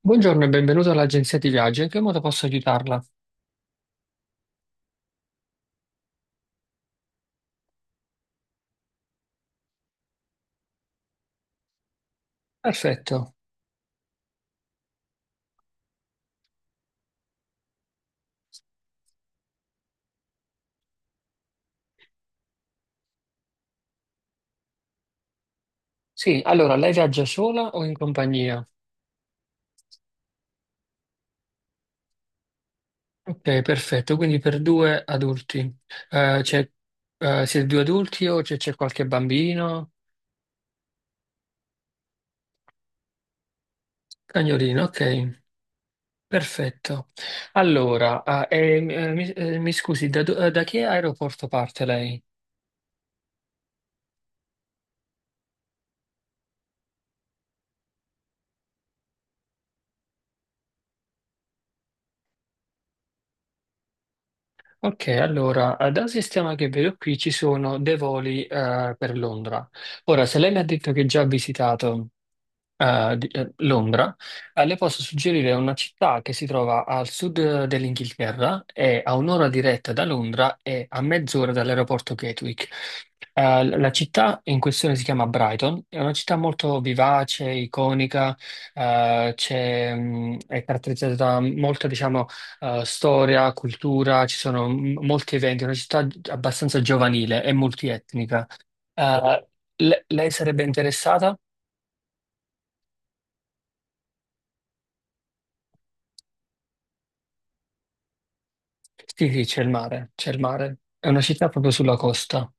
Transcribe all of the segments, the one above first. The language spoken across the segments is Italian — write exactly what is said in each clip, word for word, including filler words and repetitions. Buongiorno e benvenuto all'agenzia di viaggio. In che modo posso aiutarla? Perfetto. Sì, allora lei viaggia sola o in compagnia? Ok, perfetto. Quindi per due adulti. Eh, c'è- eh, Siete due adulti o c'è c'è qualche bambino? Cagnolino, ok. Perfetto. Allora, ah, eh, mi, eh, mi- eh, mi scusi, da, do- eh, da che aeroporto parte lei? Ok, allora, eh, dal sistema che vedo qui ci sono dei voli eh, per Londra. Ora, se lei mi ha detto che già ha visitato eh, di- eh, Londra, eh, le posso suggerire una città che si trova al sud eh, dell'Inghilterra, è a un'ora diretta da Londra e a mezz'ora dall'aeroporto Gatwick. Eh, l- la città in questione si chiama Brighton, è una città molto vivace, iconica, eh, c'è, mh, è caratterizzata da molta, diciamo, eh, storia, cultura, ci sono mh, molti eventi, è una città abbastanza giovanile e multietnica. Eh, le- Lei sarebbe interessata? Sì, sì, c'è il mare, c'è il mare. È una città proprio sulla costa.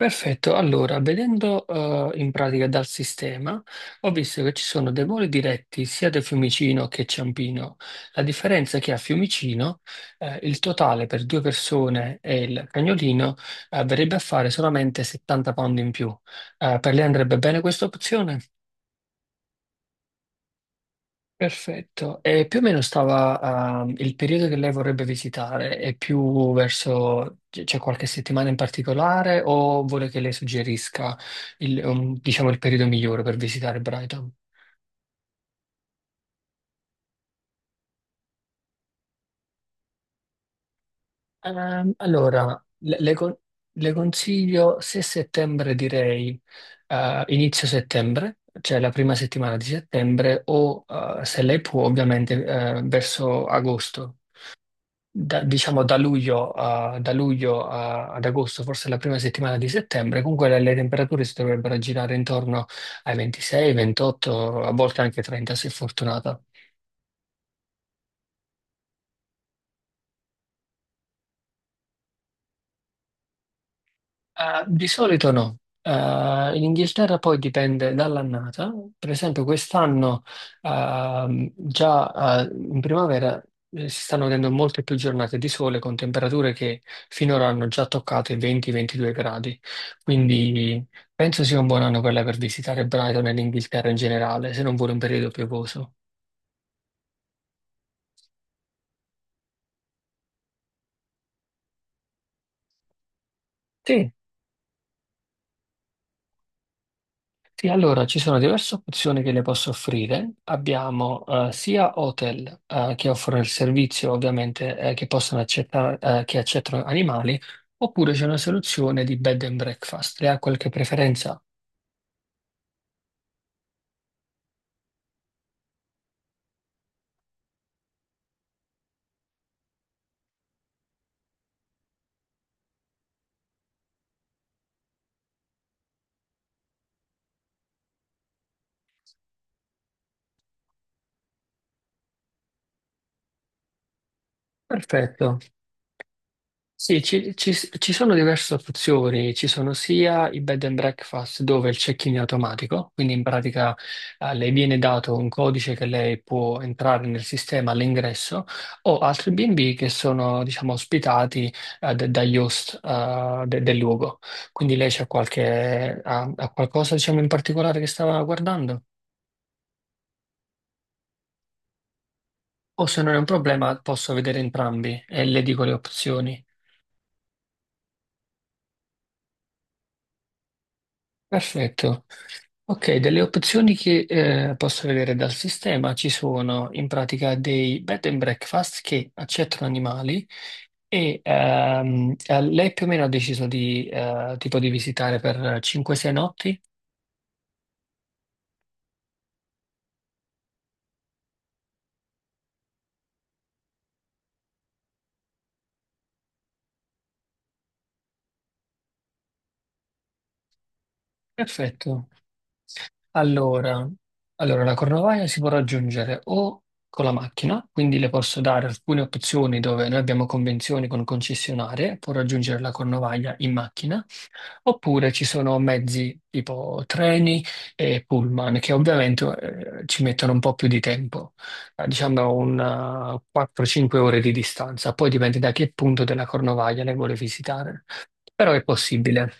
Perfetto, allora, vedendo eh, in pratica dal sistema, ho visto che ci sono dei voli diretti sia da Fiumicino che Ciampino. La differenza è che a Fiumicino eh, il totale per due persone e il cagnolino eh, verrebbe a fare solamente settanta pound in più. Eh, per lei andrebbe bene questa opzione? Perfetto. E più o meno stava, ehm, il periodo che lei vorrebbe visitare, è più verso, c- c'è qualche settimana in particolare o vuole che lei suggerisca il, um, diciamo, il periodo migliore per visitare Brighton? Ehm, allora, le, le con- le consiglio se settembre direi eh, inizio settembre, cioè la prima settimana di settembre, o eh, se lei può ovviamente eh, verso agosto. Da- diciamo da luglio, a, da luglio a- ad agosto, forse la prima settimana di settembre, comunque le, le temperature si dovrebbero girare intorno ai ventisei, ventotto, a volte anche trenta se fortunata. Eh, di solito no. Eh, in Inghilterra poi dipende dall'annata. Per esempio, quest'anno ehm, già eh, in primavera eh, si stanno vedendo molte più giornate di sole con temperature che finora hanno già toccato i venti a ventidue gradi. Quindi penso sia un buon anno per lei per visitare Brighton e l'Inghilterra in generale, se non vuole un periodo piovoso. Sì, Sì, allora ci sono diverse opzioni che le posso offrire. Abbiamo eh, sia hotel eh, che offrono il servizio, ovviamente, eh, che possono accettare, eh, che accettano animali, oppure c'è una soluzione di bed and breakfast. Le ha qualche preferenza? Perfetto. Sì, ci, ci- ci sono diverse opzioni, ci sono sia i bed and breakfast dove il check-in è automatico, quindi in pratica eh, le viene dato un codice che lei può entrare nel sistema all'ingresso, o altri B e B che sono diciamo ospitati eh, d- dagli host eh, de- del luogo. Quindi lei c'ha qualche, ha, ha qualcosa diciamo in particolare che stava guardando? O se non è un problema posso vedere entrambi e le dico le opzioni. Perfetto. Ok, delle opzioni che eh, posso vedere dal sistema ci sono in pratica dei bed and breakfast che accettano animali e ehm, eh, lei più o meno ha deciso di, eh, tipo di visitare per cinque sei notti? Perfetto. Allora, allora, la Cornovaglia si può raggiungere o con la macchina, quindi le posso dare alcune opzioni dove noi abbiamo convenzioni con concessionarie, può raggiungere la Cornovaglia in macchina, oppure ci sono mezzi tipo treni e pullman che ovviamente eh, ci mettono un po' più di tempo, eh, diciamo una quattro cinque ore di distanza, poi dipende da che punto della Cornovaglia le vuole visitare, però è possibile.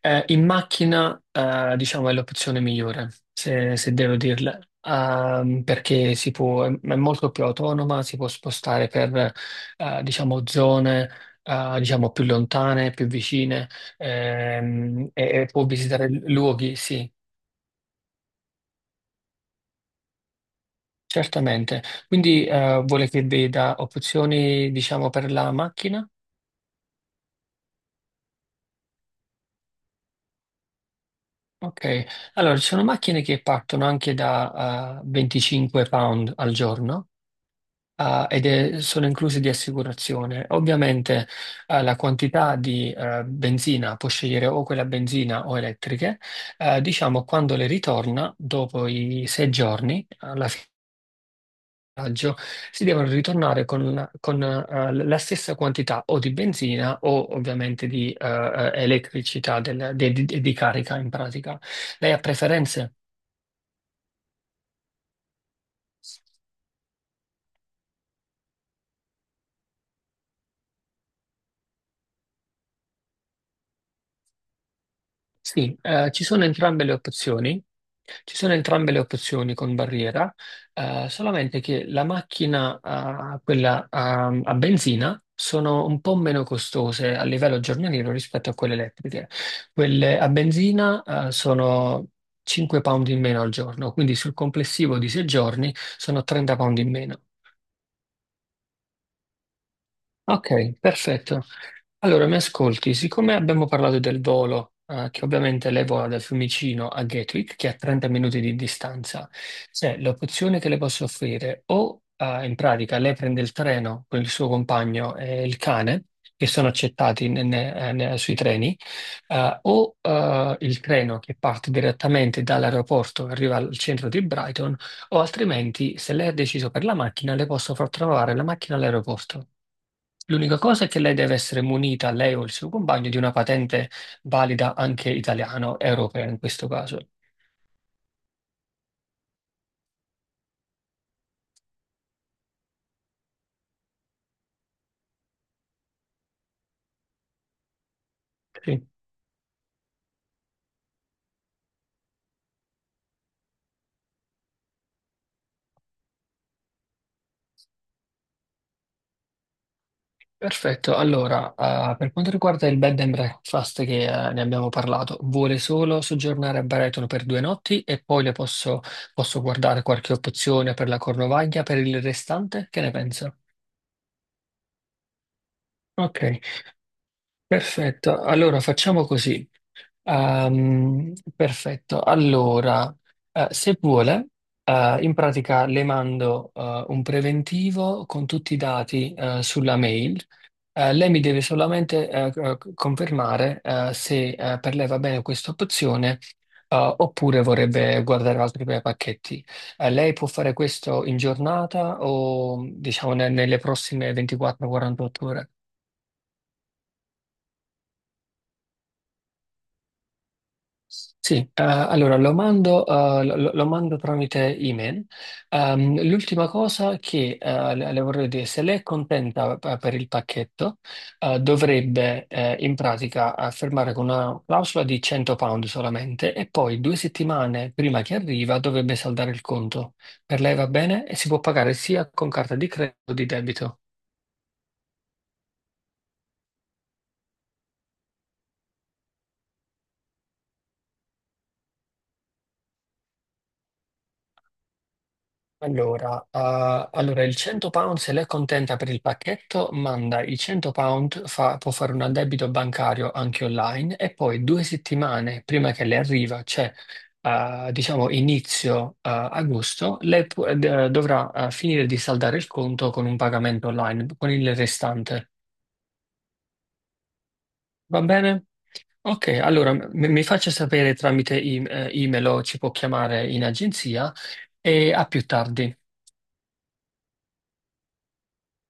Eh, in macchina, eh, diciamo, è l'opzione migliore, se, se devo dirla, Ehm, perché si può, è è molto più autonoma, si può spostare per, eh, diciamo, zone, eh, diciamo, più lontane, più vicine, ehm, e, e può visitare luoghi, sì, certamente. Quindi, eh, vuole che veda opzioni, diciamo, per la macchina? Ok, allora ci sono macchine che partono anche da, eh, venticinque pound al giorno, ah, ed è- sono inclusi di assicurazione. Ovviamente, eh, la quantità di eh, benzina può scegliere o quella a benzina o elettriche. Eh, diciamo, quando le ritorna, dopo i sei giorni, alla fine del viaggio, si devono ritornare con, con, eh, la stessa quantità o di benzina o ovviamente di eh, eh, elettricità del- de- di, di carica in pratica. Lei ha preferenze? Sì, eh, ci sono entrambe le opzioni. Ci sono entrambe le opzioni con barriera, eh, solamente che la macchina, eh, quella, ehm, a benzina, sono un po' meno costose a livello giornaliero rispetto a quelle elettriche. Quelle a benzina, eh, sono cinque pound in meno al giorno, quindi sul complessivo di sei giorni sono trenta pound in meno. Ok, perfetto. Allora, mi ascolti, siccome abbiamo parlato del volo, eh, che ovviamente leva da Fiumicino a Gatwick, che è a trenta minuti di distanza, c'è l'opzione che le posso offrire o, eh, in pratica, lei prende il treno con il suo compagno e il cane, che sono accettati ne- ne- eh, ne- sui treni, eh, o eh, il treno che parte direttamente dall'aeroporto e arriva al centro di Brighton, o altrimenti, se lei ha deciso per la macchina, le posso far trovare la macchina all'aeroporto. L'unica cosa è che lei deve essere munita, lei o il suo compagno, di una patente valida anche italiana, europea in questo caso. Sì. Perfetto. Allora, eh, per quanto riguarda il bed and breakfast che eh, ne abbiamo parlato, vuole solo soggiornare a Baretono per due notti e poi le posso, posso guardare qualche opzione per la Cornovaglia per il restante? Che ne pensa? Ok, perfetto. Allora facciamo così. Ehm, perfetto, allora, eh, se vuole, eh, in pratica le mando eh, un preventivo con tutti i dati eh, sulla mail. Eh, lei mi deve solamente eh, c- confermare eh, se eh, per lei va bene questa opzione eh, oppure vorrebbe guardare altri bei pacchetti. Eh, lei può fare questo in giornata o diciamo ne- nelle prossime ventiquattro o quarantotto ore? Sì, eh, allora lo mando, eh, lo, lo- lo mando tramite email. Ehm, l'ultima cosa che eh, le le vorrei dire, se lei è contenta eh, per il pacchetto, eh, dovrebbe eh, in pratica eh, firmare con una clausola di cento pound solamente e poi due settimane prima che arriva dovrebbe saldare il conto. Per lei va bene e si può pagare sia con carta di credito che di debito. Allora, eh, allora, il cento pound se lei è contenta per il pacchetto, manda i cento pound, fa- può fare un addebito bancario anche online e poi due settimane prima che le arriva, cioè eh, diciamo inizio eh, agosto, lei pu- eh, dovrà eh, finire di saldare il conto con un pagamento online, con il restante. Va bene? Ok, allora m- mi faccia sapere tramite e- eh, email o ci può chiamare in agenzia e a più tardi.